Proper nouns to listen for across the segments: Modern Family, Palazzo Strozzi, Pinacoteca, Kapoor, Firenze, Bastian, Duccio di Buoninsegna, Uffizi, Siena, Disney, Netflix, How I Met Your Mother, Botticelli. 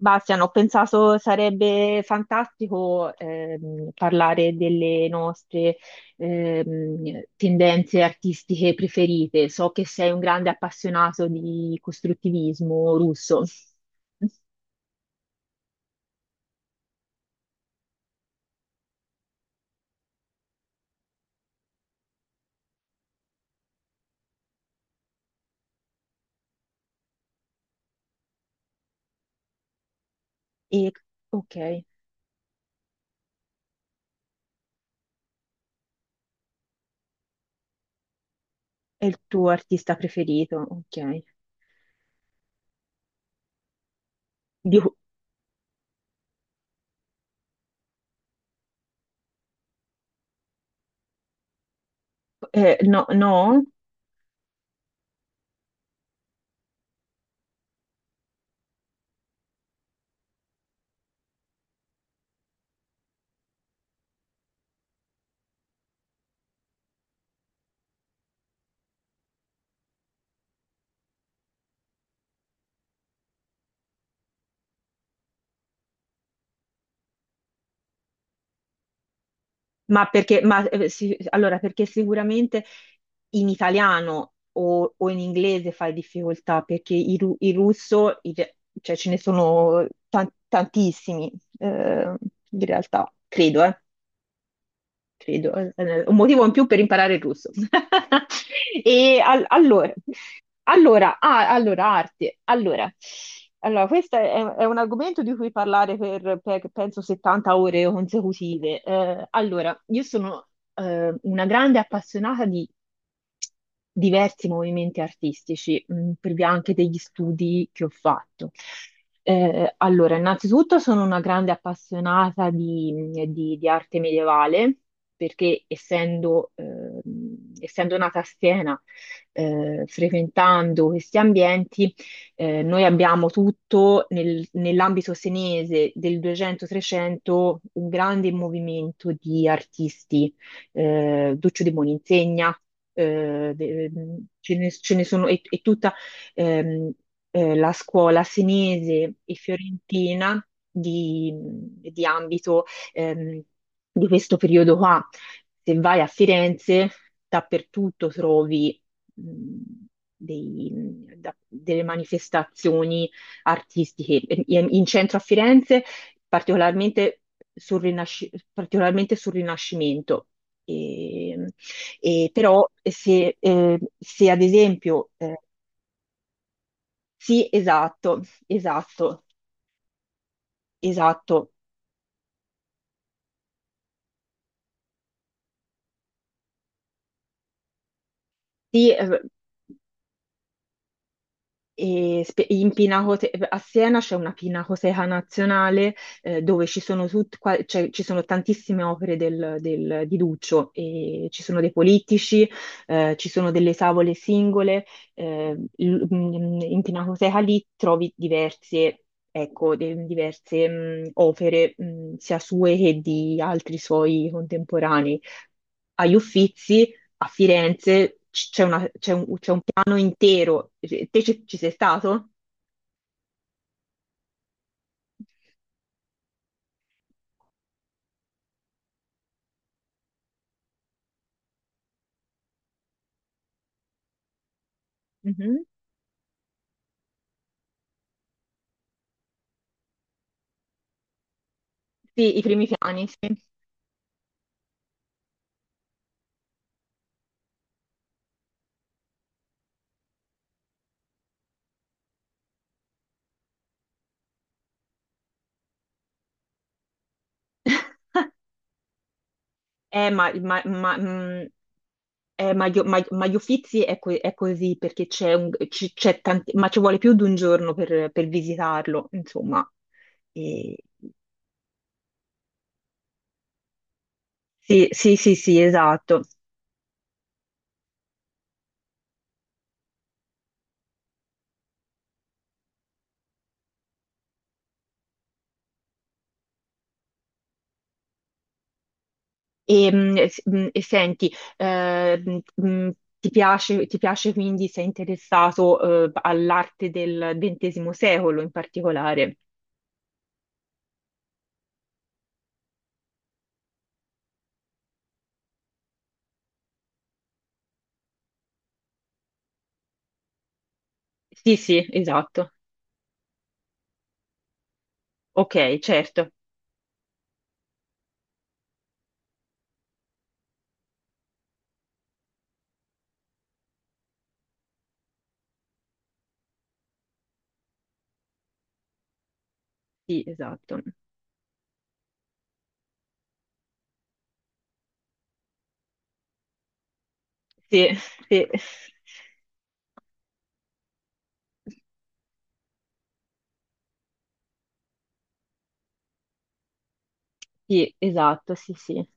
Bastian, ho pensato sarebbe fantastico parlare delle nostre tendenze artistiche preferite. So che sei un grande appassionato di costruttivismo russo. E, ok, è il tuo artista preferito, ok. Di- no, no? Ma perché, ma, sì, allora, perché sicuramente in italiano o in inglese fai difficoltà, perché il russo, cioè ce ne sono tantissimi, eh, in realtà, credo, credo, un motivo in più per imparare il russo. E allora, arte. Allora, questo è un argomento di cui parlare per, penso 70 ore consecutive. Allora, io sono una grande appassionata diversi movimenti artistici, per via anche degli studi che ho fatto. Allora, innanzitutto sono una grande appassionata di arte medievale, perché essendo nata a Siena, frequentando questi ambienti, noi abbiamo tutto nell'ambito senese del 200-300 un grande movimento di artisti, Duccio di Buoninsegna, ce ne sono, è tutta ehm, la scuola senese e fiorentina di ambito ehm, di questo periodo qua. Se vai a Firenze, dappertutto trovi mh, dei- delle manifestazioni artistiche. In centro a Firenze particolarmente particolarmente sul Rinascimento. E, e, però se ad esempio, sì, esatto, esatto, esatto, sì. A Siena c'è una pinacoteca nazionale dove ci sono, tut- qua- cioè, ci sono tantissime opere di Duccio, e ci sono dei politici, ci sono delle tavole singole. In Pinacoteca lì trovi diverse, ecco, diverse opere, sia sue che di altri suoi contemporanei. Agli Uffizi, a Firenze, c'è un anno intero. Te ci sei stato? Mhm. Sì, i primi piani, sì. Eh, ma, ma, ma, mh, ma gli Uffizi è così perché c'è tanti, ma ci vuole più di un giorno per visitarlo, insomma. E- sì, sì, sì, sì, esatto. E senti, eh, mh, mh, ti piace quindi, sei interessato, all'arte del XX secolo in particolare? Sì, sì, esatto. Ok, certo. Sì, esatto. Sì, sì, sì, esatto, sì, sì.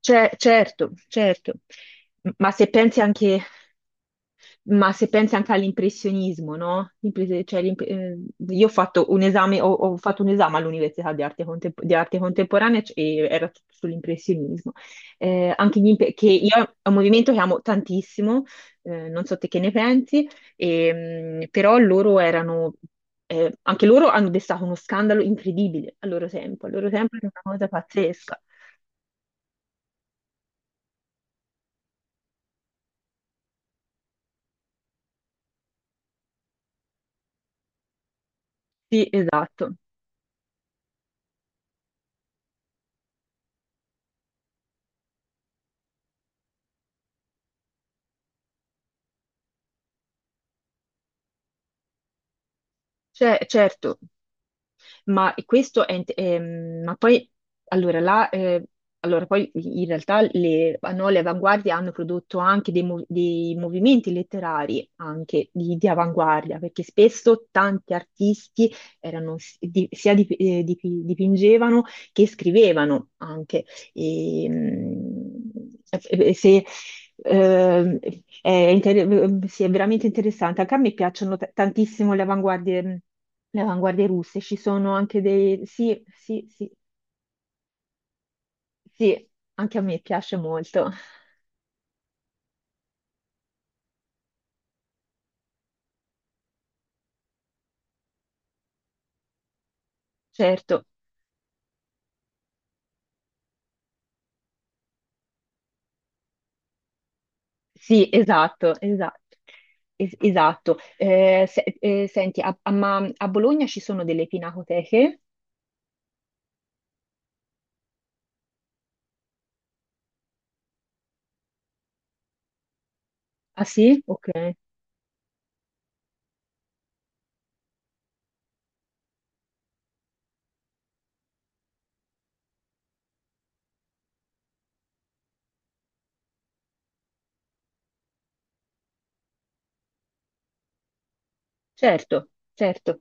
Cioè, certo, certo. Ma se pensi anche Ma se pensi anche all'impressionismo, no? Io ho fatto un esame, ho fatto un esame all'università di arte, di arte contemporanea, e era tutto sull'impressionismo. Anche gli imp- che io È un movimento che amo tantissimo, non so te che ne pensi, però loro erano, anche loro hanno destato uno scandalo incredibile al loro tempo, era una cosa pazzesca. Sì, esatto. Cioè, certo. Ma poi, allora, là, eh, allora, poi in realtà le, no, le avanguardie hanno prodotto anche dei movimenti letterari, anche di avanguardia, perché spesso tanti artisti erano, s- di- sia dip- dip- dipingevano che scrivevano anche. E, mm, se, ehm, è inter- si è veramente interessante. Anche a me piacciono tantissimo le avanguardie, russe, ci sono anche. Sì, sì, sì, sì, anche a me piace molto. Certo, sì, esatto, esatto. Esatto. Senti, ma a Bologna ci sono delle pinacoteche? Ah sì? Ok, certo, certo.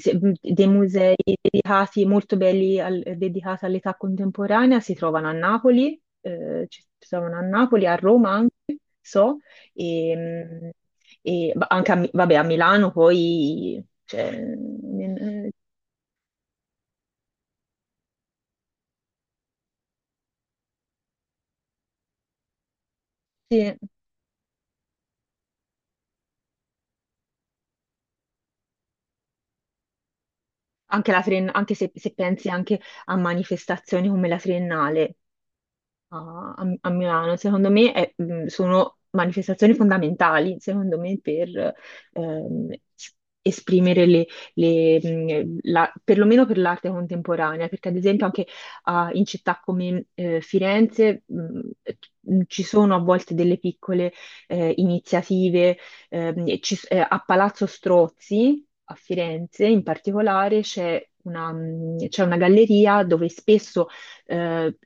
se- Dei musei dedicati, molto belli dedicati all'età contemporanea si trovano a Napoli, ci si trovano a Napoli, a Roma anche, so, e, mh, ma anche vabbè, a Milano poi, cioè, sì, anche, la Triennale- anche se, se pensi anche a manifestazioni come la Triennale, a Milano, secondo me sono manifestazioni fondamentali, secondo me, per ehm, s- esprimere le, perlomeno per l'arte contemporanea, perché ad esempio anche in città come Firenze, ci sono a volte delle piccole iniziative, a Palazzo Strozzi, a Firenze in particolare, c'è una galleria dove spesso eh,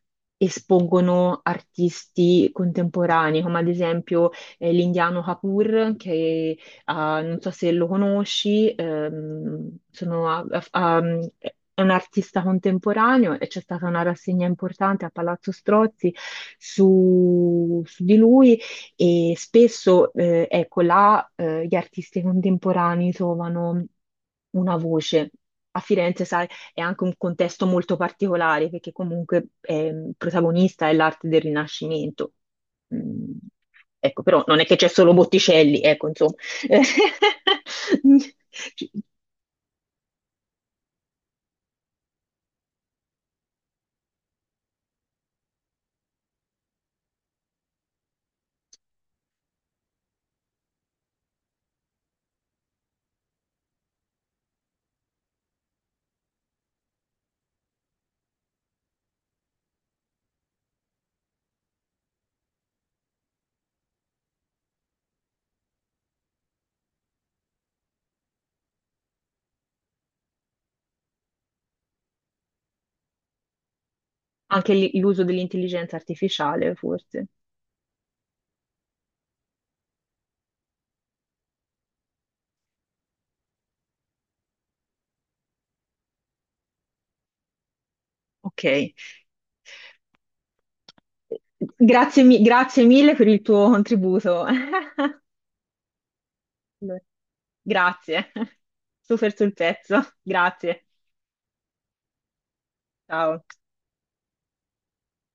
espongono artisti contemporanei, come ad esempio l'indiano Kapoor, che non so se lo conosci, sono a- a- a- è un artista contemporaneo e c'è stata una rassegna importante a Palazzo Strozzi su di lui e spesso ecco, là gli artisti contemporanei trovano una voce. A Firenze, sai, è anche un contesto molto particolare perché comunque protagonista è l'arte del Rinascimento. Mm, Ecco, però non è che c'è solo Botticelli, ecco, insomma. Anche lì l'uso dell'intelligenza artificiale, forse. Ok. Grazie, grazie mille per il tuo contributo. Grazie. Super sul pezzo. Grazie. Ciao.